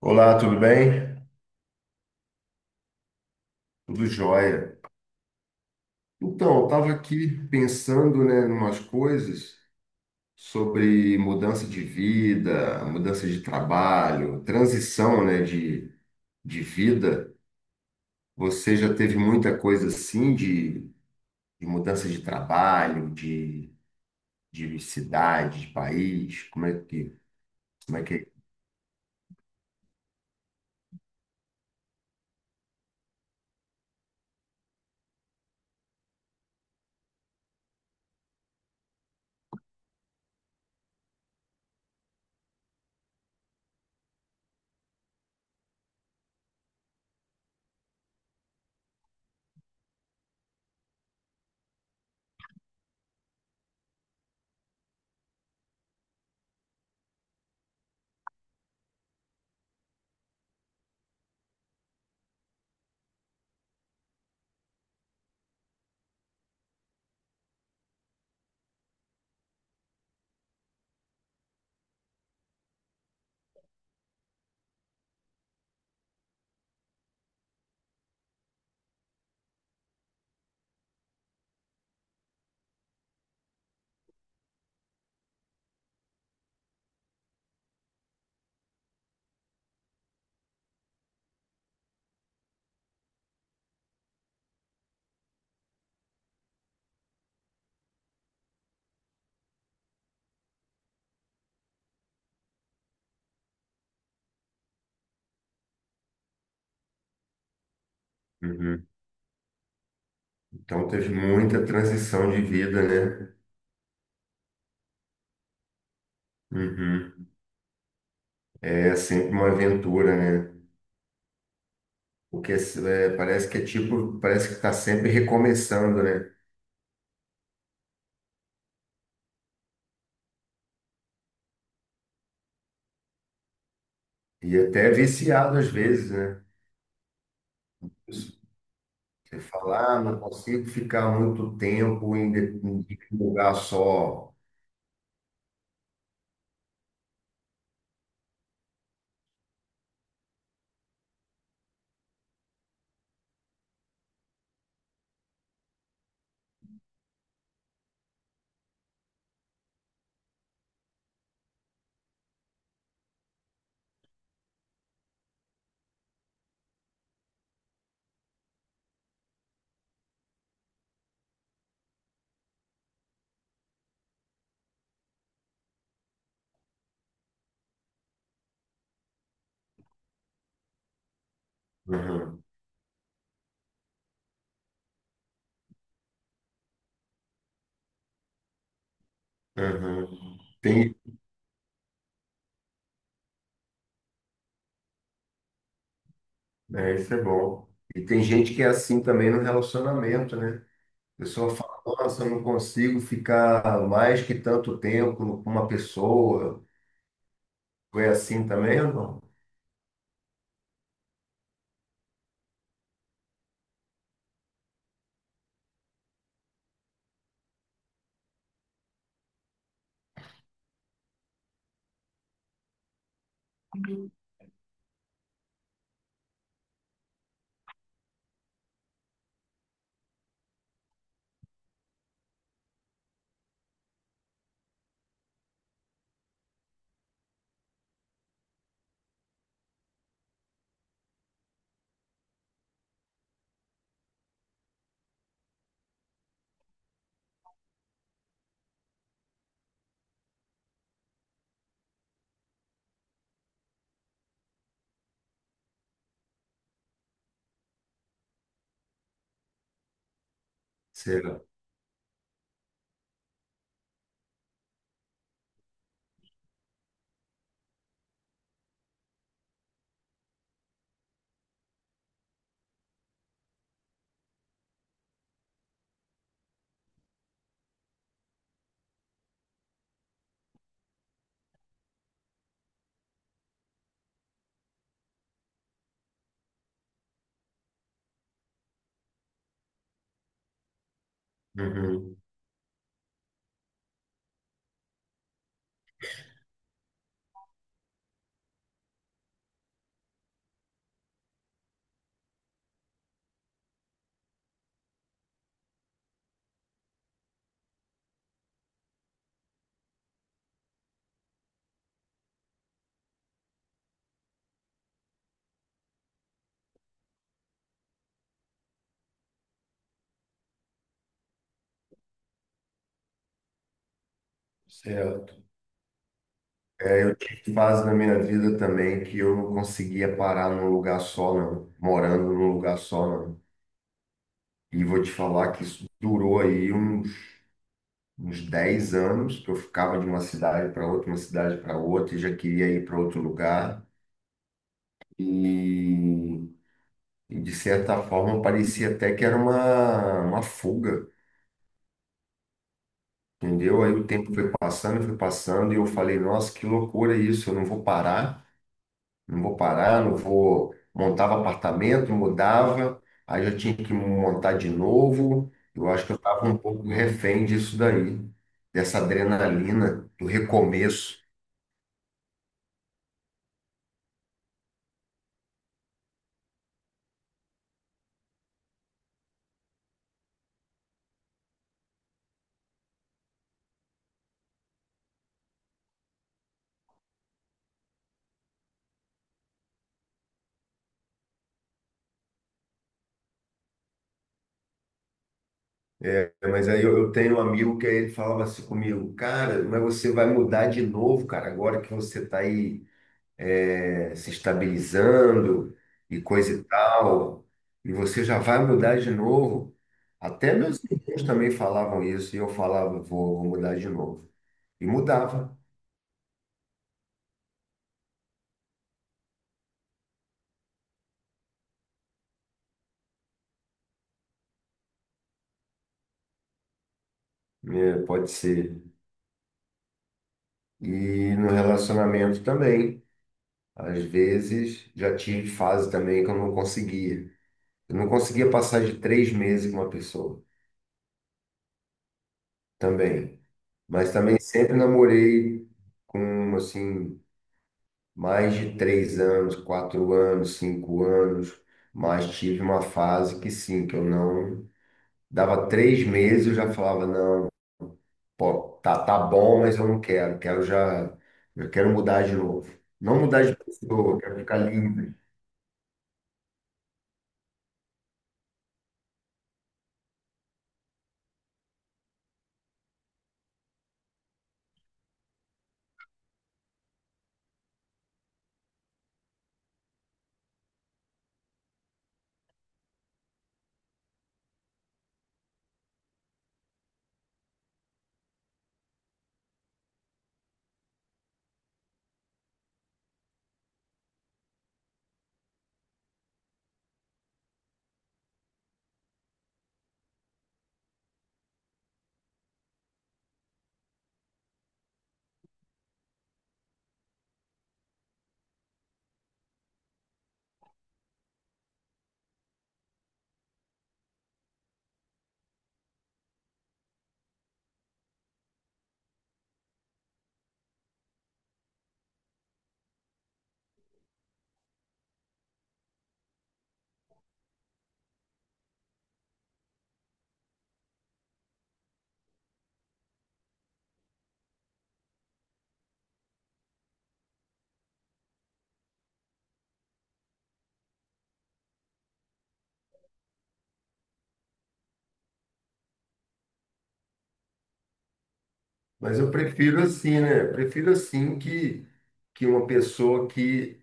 Olá, tudo bem? Tudo jóia. Então, eu estava aqui pensando, né, em umas coisas sobre mudança de vida, mudança de trabalho, transição, né, de vida. Você já teve muita coisa assim de mudança de trabalho, de cidade, de país? Como é que é? Uhum. Então, teve muita transição de vida, né? Uhum. É sempre uma aventura, né? Porque parece que é tipo, parece que está sempre recomeçando, né? E até é viciado às vezes, né? Você fala, ah, não consigo ficar muito tempo em um lugar só. Uhum, uhum. É, isso é bom. E tem gente que é assim também no relacionamento, né? A pessoa fala, nossa, eu não consigo ficar mais que tanto tempo com uma pessoa. Foi assim também ou não? Será? Uhum. Será? É, eu tive fase na minha vida também que eu não conseguia parar num lugar só, não. Morando num lugar só, não. E vou te falar que isso durou uns 10 anos, que eu ficava de uma cidade para outra, uma cidade para outra, e já queria ir para outro lugar. E, e, de certa forma, parecia até que era uma fuga, entendeu? Aí o tempo foi passando, e eu falei, nossa, que loucura isso, eu não vou parar. Não vou parar, não vou. Montava apartamento, mudava, aí já tinha que montar de novo. Eu acho que eu estava um pouco refém disso daí, dessa adrenalina do recomeço. É, mas aí eu tenho um amigo que aí ele falava assim comigo, cara, mas você vai mudar de novo, cara, agora que você está aí. Se estabilizando e coisa e tal, e você já vai mudar de novo. Até meus irmãos também falavam isso, e eu falava, vou mudar de novo. E mudava, né? Pode ser. E no relacionamento também. Às vezes já tive fase também que eu não conseguia. Eu não conseguia passar de três meses com uma pessoa também. Mas também sempre namorei com, assim, mais de três anos, quatro anos, cinco anos, mas tive uma fase que sim, que eu não dava três meses, eu já falava, não, pô, tá bom, mas eu não quero já, eu quero mudar de novo. Não mudar de pessoa, quero ficar livre. Mas eu prefiro assim, né? Eu prefiro assim que uma pessoa que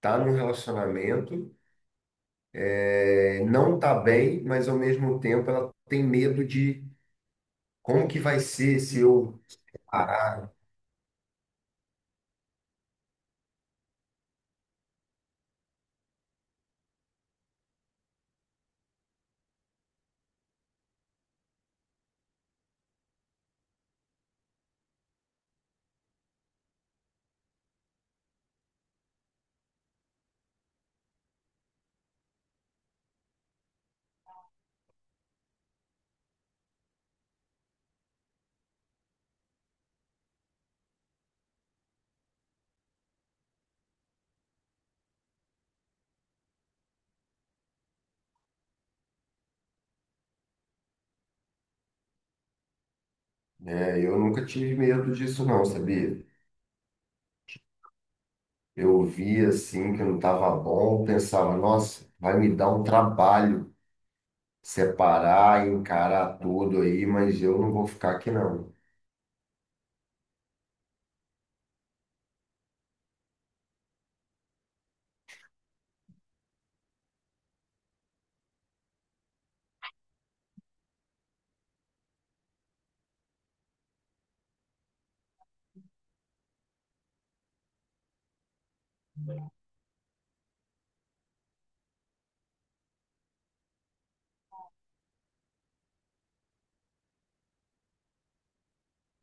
tá num relacionamento não tá bem, mas ao mesmo tempo ela tem medo de como que vai ser se eu parar. É, eu nunca tive medo disso não, sabia? Eu via assim que não estava bom, pensava, nossa, vai me dar um trabalho separar, encarar tudo aí, mas eu não vou ficar aqui não.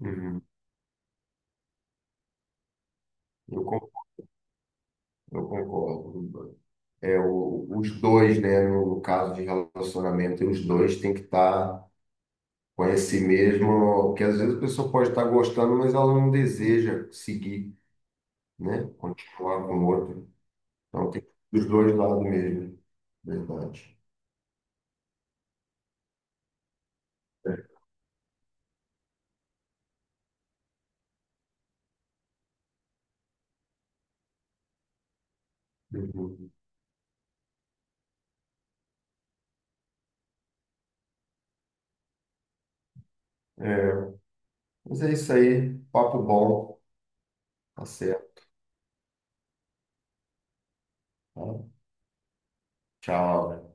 Uhum. Eu, con- eu concordo. É, os dois, né, no caso de relacionamento, os dois têm que estar com esse mesmo, porque às vezes a pessoa pode estar gostando, mas ela não deseja seguir, né, continuar com o outro. Então, tem dos dois lados mesmo. Verdade. Uhum. É, mas é isso aí. Papo bom. Tá certo. Tá? Tchau.